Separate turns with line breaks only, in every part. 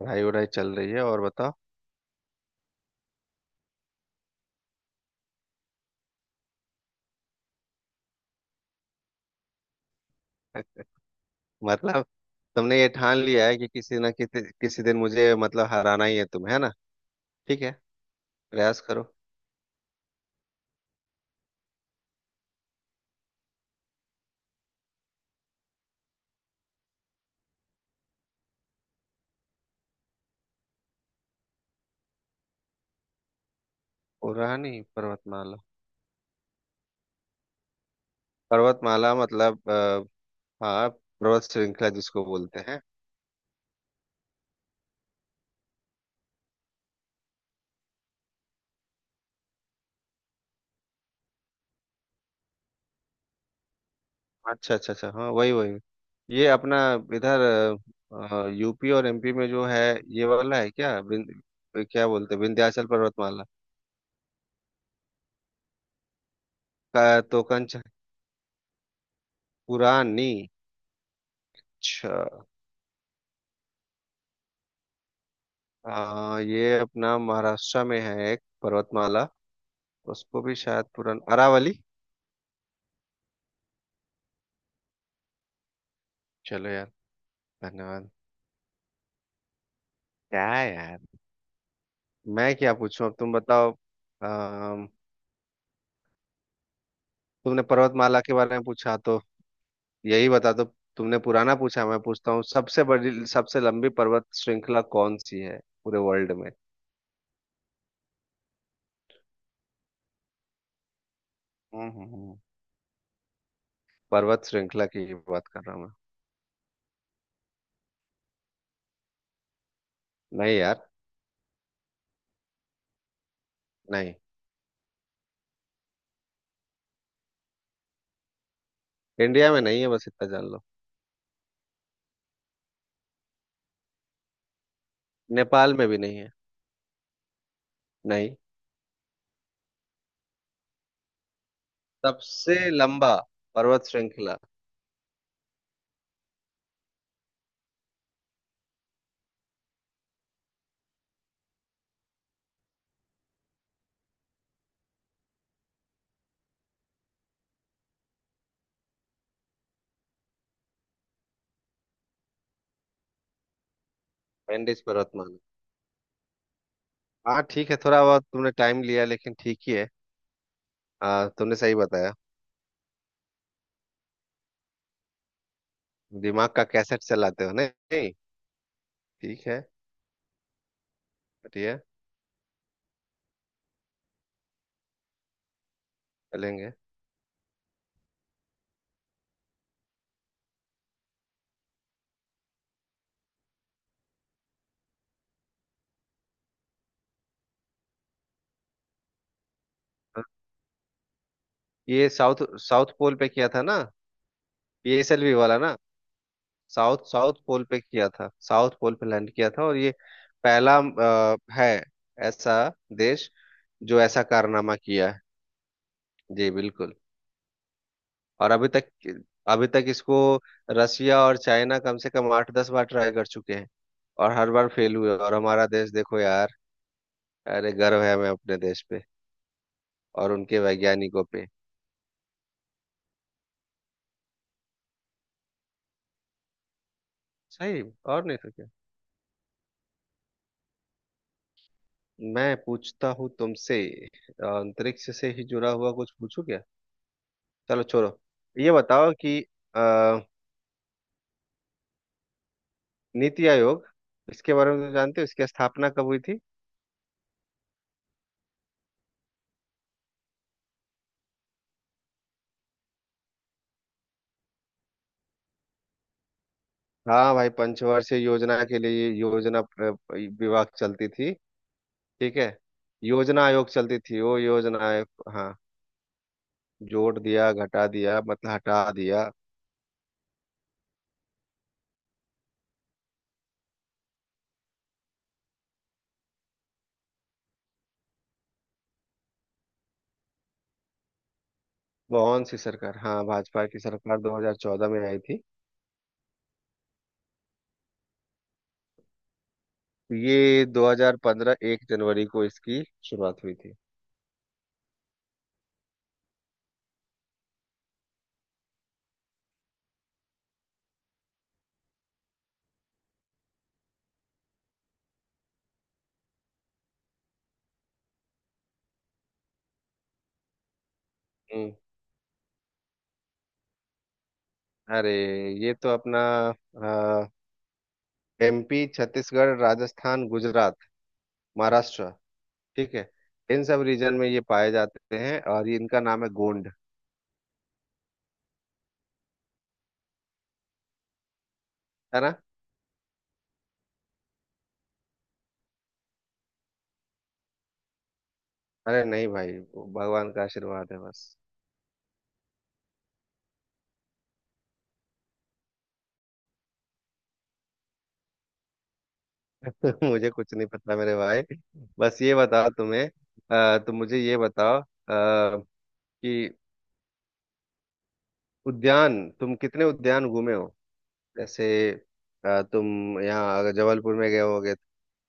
पढ़ाई वढ़ाई चल रही है। और बताओ। मतलब, तुमने ये ठान लिया है कि किसी ना किसी किसी दिन मुझे मतलब हराना ही है तुम्हें, है ना। ठीक है, प्रयास करो। पूरा नहीं, पर्वतमाला। पर्वतमाला मतलब हाँ, पर्वत श्रृंखला जिसको बोलते हैं। अच्छा अच्छा अच्छा, हाँ वही वही। ये अपना इधर यूपी और एमपी में जो है, ये वाला है क्या? क्या बोलते हैं, विंध्याचल पर्वतमाला का? तो कंच पुरानी। अच्छा, ये अपना महाराष्ट्र में है एक पर्वतमाला, उसको भी शायद पुरन, अरावली। चलो यार, धन्यवाद। क्या है यार, मैं क्या पूछूं? अब तुम बताओ। आ, तुमने पर्वतमाला के बारे में पूछा तो यही बता दो। तुमने पुराना पूछा, मैं पूछता हूँ सबसे बड़ी सबसे लंबी पर्वत श्रृंखला कौन सी है पूरे वर्ल्ड में। हम्म हम्म, हम्म। पर्वत श्रृंखला की बात कर रहा हूँ। मैं नहीं यार। नहीं, इंडिया में नहीं है बस इतना जान लो। नेपाल में भी नहीं है। नहीं, सबसे लंबा पर्वत श्रृंखला। एंडीज पर्वतमाला। हाँ ठीक है, थोड़ा बहुत तुमने टाइम लिया लेकिन ठीक ही है। तुमने सही बताया। दिमाग का कैसेट चलाते हो नहीं। ठीक है, बढ़िया। चलेंगे। हाँ, ये साउथ साउथ पोल पे किया था ना। पीएसएलवी वाला ना। साउथ साउथ पोल पे किया था, साउथ पोल पे लैंड किया था। और ये पहला है ऐसा देश जो ऐसा कारनामा किया है। जी बिल्कुल। और अभी तक, इसको रसिया और चाइना कम से कम आठ दस बार ट्राई कर चुके हैं और हर बार फेल हुए, और हमारा देश देखो यार। अरे, गर्व है हमें अपने देश पे और उनके वैज्ञानिकों पे। सही। और नहीं तो क्या। मैं पूछता हूँ तुमसे, अंतरिक्ष से ही जुड़ा हुआ कुछ पूछू क्या? चलो छोड़ो। ये बताओ कि अ, नीति आयोग, इसके बारे में तो जानते हो, इसकी स्थापना कब हुई थी? हाँ भाई, पंचवर्षीय योजना के लिए ये योजना विभाग चलती थी। ठीक है, योजना आयोग चलती थी, वो योजना आयोग। हाँ, जोड़ दिया, घटा दिया, मतलब हटा दिया। कौन सी सरकार? हाँ, भाजपा की सरकार 2014 में आई थी। ये 2015 एक जनवरी को इसकी शुरुआत हुई थी। हम्म, अरे, ये तो अपना एमपी, छत्तीसगढ़, राजस्थान, गुजरात, महाराष्ट्र, ठीक है, इन सब रीजन में ये पाए जाते हैं और ये इनका नाम है गोंड। है ना। अरे नहीं भाई, भगवान का आशीर्वाद है बस। मुझे कुछ नहीं पता मेरे भाई। बस ये बताओ तुम्हें, तुम मुझे ये बताओ, कि उद्यान, तुम कितने उद्यान घूमे हो? जैसे तुम यहाँ अगर जबलपुर में गए होगे।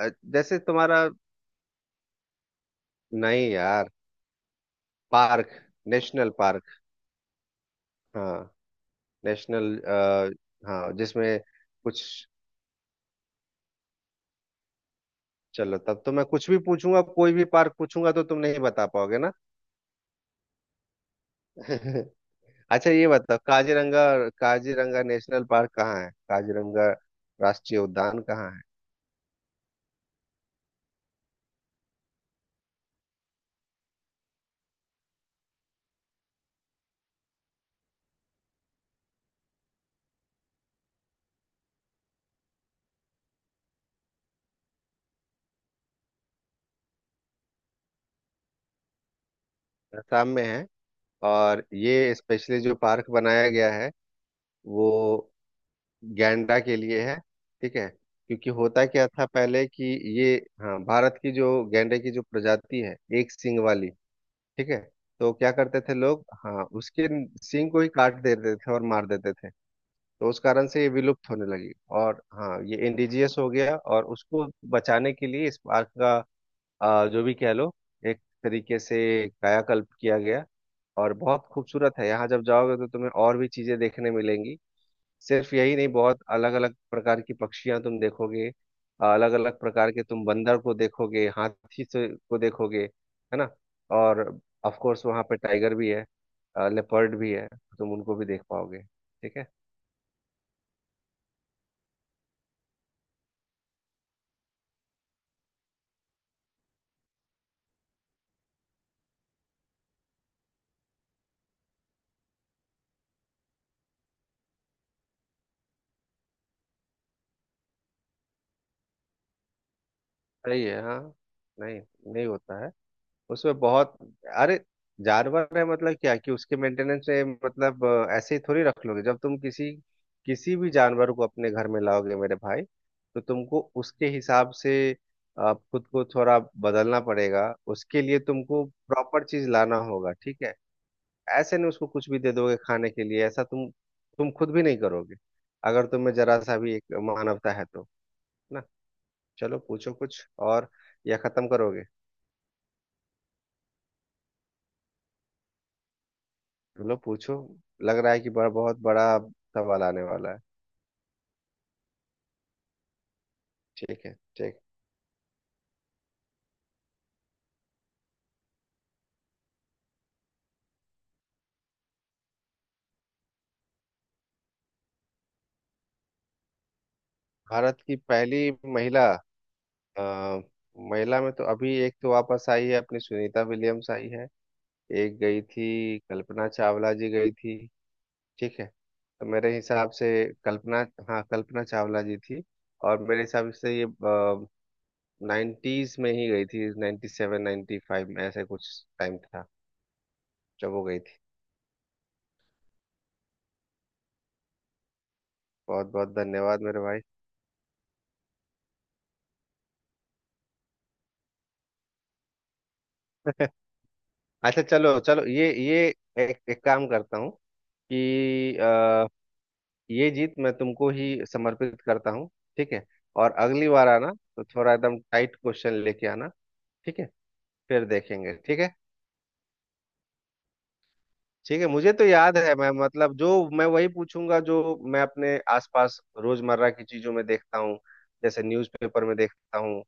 अ, जैसे तुम्हारा, नहीं यार, पार्क, नेशनल पार्क। हाँ, नेशनल हाँ, जिसमें कुछ। चलो तब तो मैं कुछ भी पूछूंगा, कोई भी पार्क पूछूंगा तो तुम नहीं बता पाओगे ना। अच्छा, ये बताओ, काजीरंगा। काजीरंगा नेशनल पार्क कहाँ है? काजीरंगा राष्ट्रीय उद्यान कहाँ है? असम में है। और ये स्पेशली जो पार्क बनाया गया है, वो गैंडा के लिए है, ठीक है। क्योंकि होता क्या था पहले कि ये, हाँ भारत की जो गैंडे की जो प्रजाति है एक सींग वाली, ठीक है, तो क्या करते थे लोग, हाँ, उसके सींग को ही काट देते थे और मार देते थे। तो उस कारण से ये विलुप्त होने लगी। और हाँ, ये इंडिजियस हो गया और उसको बचाने के लिए इस पार्क का जो भी कह लो, एक तरीके से कायाकल्प किया गया। और बहुत खूबसूरत है, यहाँ जब जाओगे तो तुम्हें और भी चीजें देखने मिलेंगी। सिर्फ यही नहीं, बहुत अलग अलग प्रकार की पक्षियां तुम देखोगे, अलग अलग प्रकार के तुम बंदर को देखोगे, हाथी से को देखोगे, है ना। और ऑफ कोर्स वहाँ पे टाइगर भी है, लेपर्ड भी है, तुम उनको भी देख पाओगे, ठीक है। सही है हाँ। नहीं, नहीं होता है। उसमें बहुत, अरे, जानवर है मतलब क्या कि उसके मेंटेनेंस में मतलब ऐसे ही थोड़ी रख लोगे। जब तुम किसी, किसी भी जानवर को अपने घर में लाओगे मेरे भाई, तो तुमको उसके हिसाब से खुद को थोड़ा बदलना पड़ेगा, उसके लिए तुमको प्रॉपर चीज लाना होगा, ठीक है। ऐसे नहीं उसको कुछ भी दे दोगे खाने के लिए, ऐसा तुम खुद भी नहीं करोगे, अगर तुम्हें जरा सा भी एक मानवता है तो। ना, चलो पूछो कुछ और, या खत्म करोगे। चलो पूछो। लग रहा है कि बड़ा, बहुत बड़ा सवाल आने वाला है। ठीक है ठीक। भारत की पहली महिला, अ, महिला में तो अभी एक तो वापस आई है अपनी, सुनीता विलियम्स आई है। एक गई थी, कल्पना चावला जी गई थी। ठीक है, तो मेरे हिसाब से कल्पना, हाँ, कल्पना चावला जी थी। और मेरे हिसाब से ये नाइन्टीज में ही गई थी। नाइन्टी सेवन, नाइन्टी फाइव में ऐसे कुछ टाइम था जब वो गई थी। बहुत बहुत धन्यवाद मेरे भाई। अच्छा चलो चलो, ये एक, एक काम करता हूँ कि ये जीत मैं तुमको ही समर्पित करता हूँ, ठीक है। और अगली बार आना तो थोड़ा एकदम टाइट क्वेश्चन लेके आना, ठीक है, फिर देखेंगे, ठीक है। ठीक है, मुझे तो याद है, मैं मतलब जो, मैं वही पूछूंगा जो मैं अपने आसपास रोजमर्रा की चीजों में देखता हूँ, जैसे न्यूज़पेपर में देखता हूँ,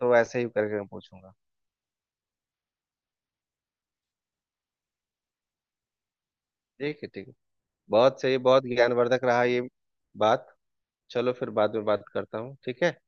तो ऐसे ही करके मैं पूछूंगा। ठीक है ठीक है, बहुत सही, बहुत ज्ञानवर्धक रहा ये बात। चलो फिर बाद में बात करता हूँ, ठीक है।